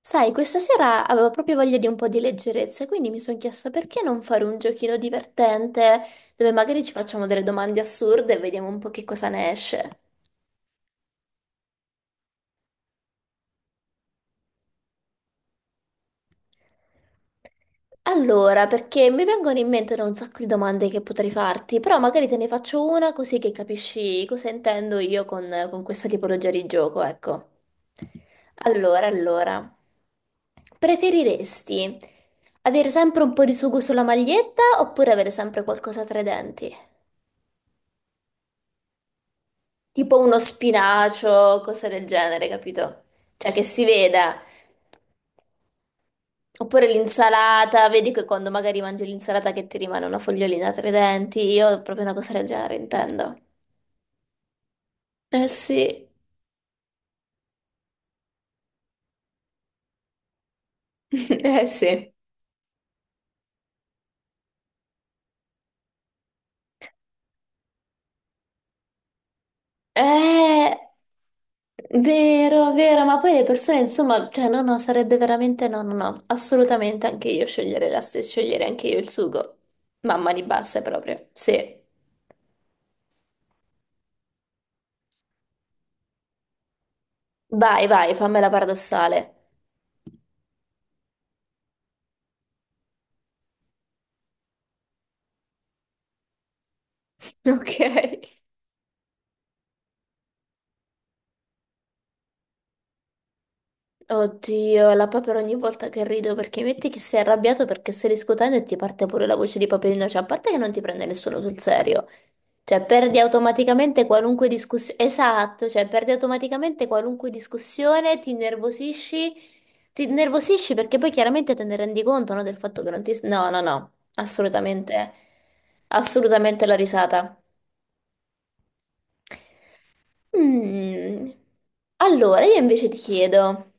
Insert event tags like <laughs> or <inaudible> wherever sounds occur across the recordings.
Sai, questa sera avevo proprio voglia di un po' di leggerezza, quindi mi sono chiesta perché non fare un giochino divertente dove magari ci facciamo delle domande assurde e vediamo un po' che cosa ne esce. Allora, perché mi vengono in mente da un sacco di domande che potrei farti, però magari te ne faccio una così che capisci cosa intendo io con questa tipologia di gioco, ecco. Allora, preferiresti avere sempre un po' di sugo sulla maglietta oppure avere sempre qualcosa tra i denti? Tipo uno spinacio, cose del genere, capito? Cioè che si veda. Oppure l'insalata, vedi che quando magari mangi l'insalata che ti rimane una fogliolina tra i denti, io proprio una cosa del genere intendo. Eh sì. <laughs> Eh sì. Eh. Vero, vero, ma poi le persone, insomma, cioè no, no, sarebbe veramente no, no, no, assolutamente anche io scegliere la stessa, scegliere anche io il sugo. Mamma di basse proprio, sì. Vai, vai, fammela paradossale. <laughs> Ok. Oddio, la papera ogni volta che rido, perché metti che sei arrabbiato perché stai discutendo e ti parte pure la voce di Paperino, cioè a parte che non ti prende nessuno sul serio, cioè perdi automaticamente qualunque discussione, esatto, cioè perdi automaticamente qualunque discussione, ti innervosisci perché poi chiaramente te ne rendi conto, no, del fatto che non ti. No, no, no, assolutamente, assolutamente la risata. Mm. Allora, io invece ti chiedo,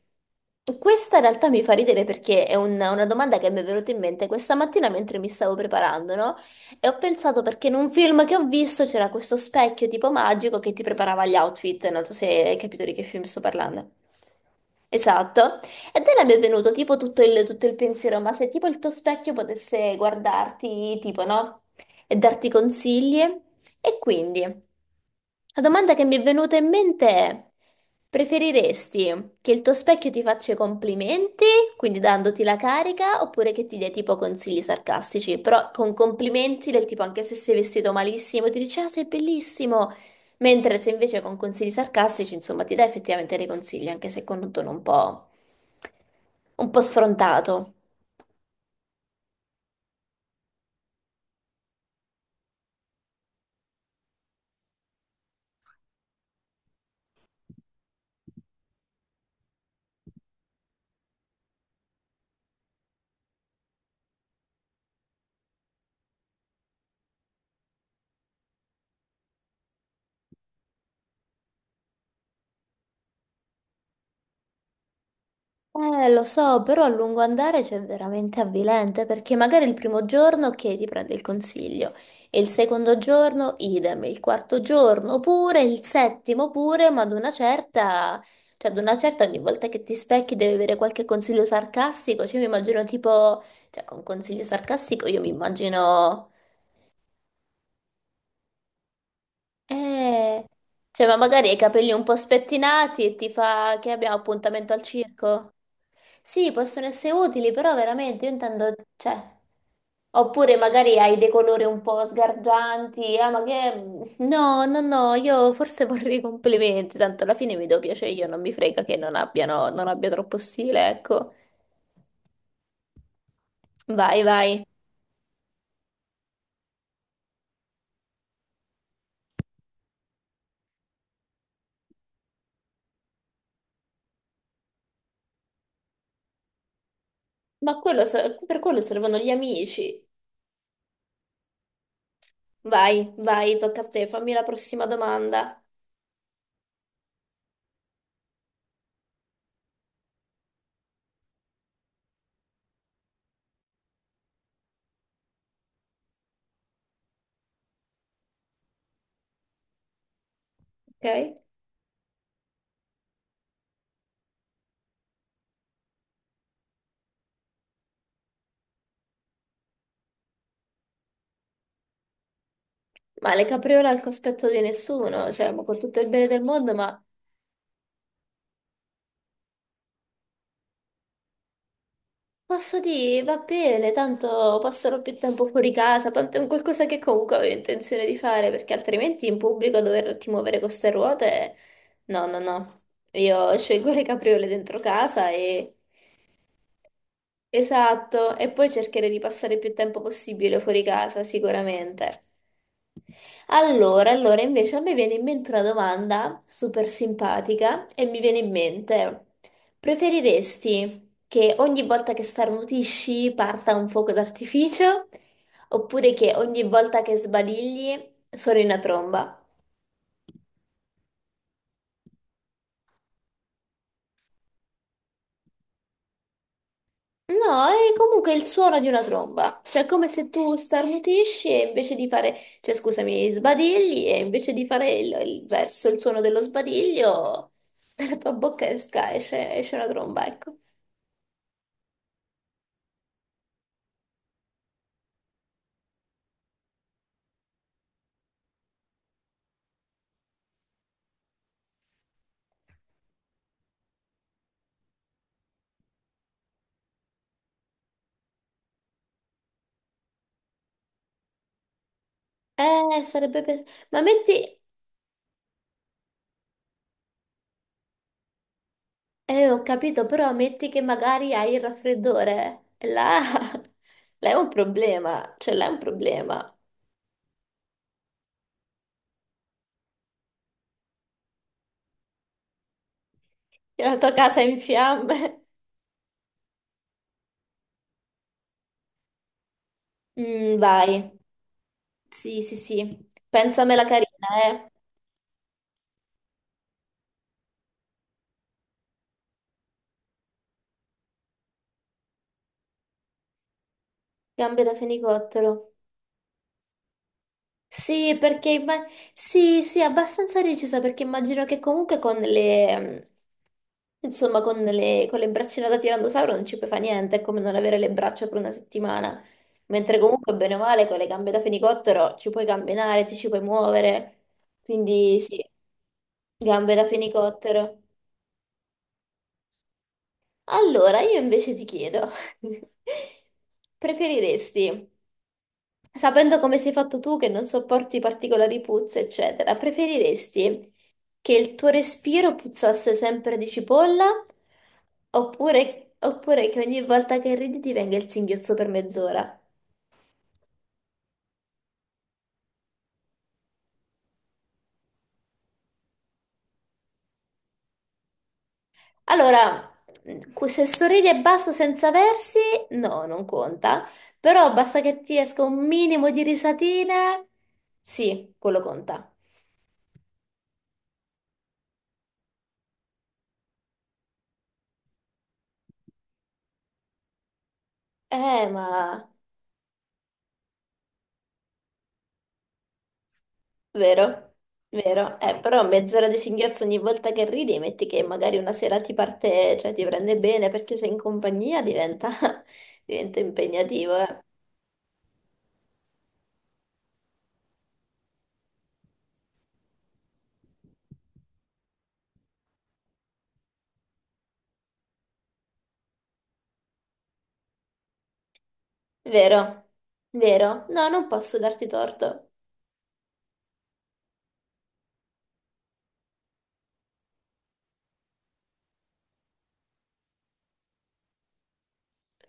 questa in realtà mi fa ridere perché è una domanda che mi è venuta in mente questa mattina mentre mi stavo preparando, no? E ho pensato, perché in un film che ho visto c'era questo specchio tipo magico che ti preparava gli outfit, non so se hai capito di che film sto parlando. Esatto, e te mi è venuto tipo tutto il pensiero, ma se tipo il tuo specchio potesse guardarti, tipo, no? E darti consigli, e quindi. La domanda che mi è venuta in mente è: preferiresti che il tuo specchio ti faccia i complimenti, quindi dandoti la carica, oppure che ti dia tipo consigli sarcastici, però con complimenti del tipo anche se sei vestito malissimo, ti dice ah, sei bellissimo, mentre se invece con consigli sarcastici, insomma, ti dà effettivamente dei consigli, anche se con un tono un po' sfrontato. Lo so, però a lungo andare c'è veramente avvilente perché magari il primo giorno ok ti prende il consiglio, e il secondo giorno idem, il quarto giorno pure, il settimo pure, ma ad una certa, cioè ad una certa ogni volta che ti specchi devi avere qualche consiglio sarcastico, cioè io mi immagino tipo, cioè con consiglio sarcastico io mi immagino. Eh, cioè, ma magari hai i capelli un po' spettinati e ti fa: che abbiamo appuntamento al circo? Sì, possono essere utili, però veramente io intendo, cioè, oppure magari hai dei colori un po' sgargianti, ah, ma che. No, no, no, io forse vorrei complimenti, tanto alla fine mi do piacere io, non mi frega che non abbiano, non abbia troppo stile, ecco. Vai, vai. Ma quello per quello servono gli amici. Vai, vai, tocca a te, fammi la prossima domanda, ok? Ma le capriole al cospetto di nessuno, cioè, ma con tutto il bene del mondo, ma posso dire, va bene, tanto passerò più tempo fuori casa, tanto è un qualcosa che comunque avevo intenzione di fare, perché altrimenti in pubblico doverti muovere con ste ruote, no, no, no. Io <laughs> scelgo le capriole dentro casa e. Esatto, e poi cercare di passare più tempo possibile fuori casa, sicuramente. Allora, invece a me viene in mente una domanda super simpatica e mi viene in mente, preferiresti che ogni volta che starnutisci parta un fuoco d'artificio oppure che ogni volta che sbadigli suoni una tromba? No, è comunque il suono di una tromba, cioè è come se tu starnutisci e invece di fare, cioè scusami, sbadigli e invece di fare il verso, il suono dello sbadiglio, <laughs> dalla tua bocca esce una tromba, ecco. Sarebbe. Ma metti. Ho capito, però metti che magari hai il raffreddore, e là. <laughs> Là è un problema, cioè là è un problema. La tua casa è in fiamme. Mm, vai. Sì, sì, sì. Pensamela carina, eh. Gambe da fenicottero. Sì, sì, sì, abbastanza recisa perché immagino che comunque con le insomma con le braccine da tirannosauro non ci puoi fare niente, è come non avere le braccia per una settimana. Mentre comunque bene o male con le gambe da fenicottero ci puoi camminare, ti ci puoi muovere. Quindi sì, gambe da fenicottero. Allora, io invece ti chiedo, <laughs> preferiresti sapendo come sei fatto tu, che non sopporti particolari puzze, eccetera, preferiresti che il tuo respiro puzzasse sempre di cipolla oppure, che ogni volta che ridi ti venga il singhiozzo per mezz'ora? Allora, se sorridi e basta senza versi, no, non conta, però basta che ti esca un minimo di risatina, sì, quello conta. Ma. Vero, vero. Però mezz'ora di singhiozzo ogni volta che ridi, metti che magari una sera ti parte, cioè ti prende bene perché sei in compagnia, diventa, <laughs> diventa impegnativo, eh. Vero, vero. No, non posso darti torto.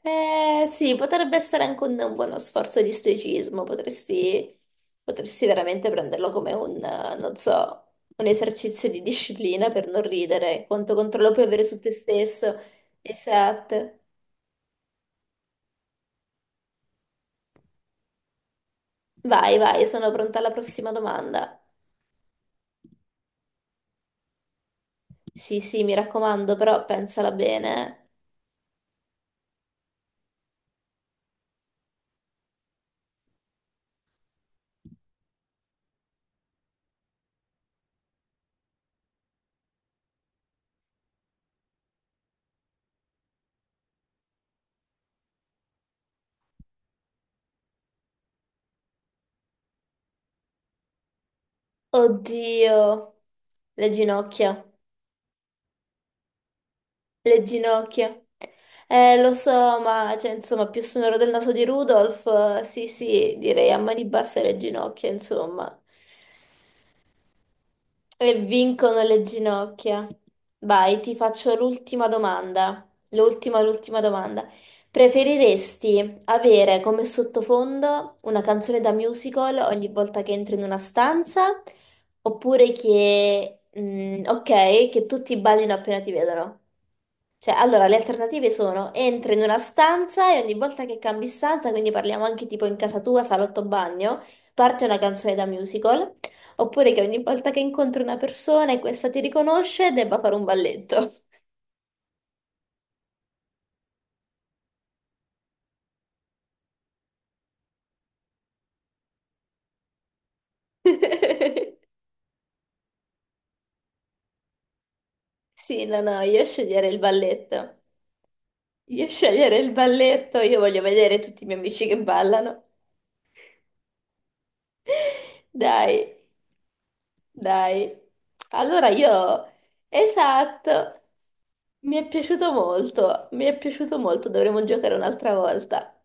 Eh sì, potrebbe essere anche un buono sforzo di stoicismo, potresti veramente prenderlo come un, non so, un esercizio di disciplina per non ridere, quanto controllo puoi avere su te stesso. Esatto. Vai, vai, sono pronta alla prossima domanda. Sì, sì, mi raccomando, però pensala bene. Oddio, le ginocchia, le ginocchia. Lo so, ma cioè, insomma, più sonoro del naso di Rudolf, sì, sì, direi a mani basse le ginocchia, insomma. E vincono le ginocchia. Vai, ti faccio l'ultima domanda. L'ultima, l'ultima domanda. Preferiresti avere come sottofondo una canzone da musical ogni volta che entri in una stanza? Oppure che, ok, che tutti ballino appena ti vedono? Cioè, allora, le alternative sono: entri in una stanza e ogni volta che cambi stanza, quindi parliamo anche tipo in casa tua, salotto, bagno, parte una canzone da musical, oppure che ogni volta che incontri una persona e questa ti riconosce, debba fare un balletto. <laughs> Sì, no, no, io sceglierei il balletto. Io sceglierei il balletto, io voglio vedere tutti i miei amici che ballano. Dai, dai. Allora io, esatto, mi è piaciuto molto, mi è piaciuto molto, dovremo giocare un'altra volta.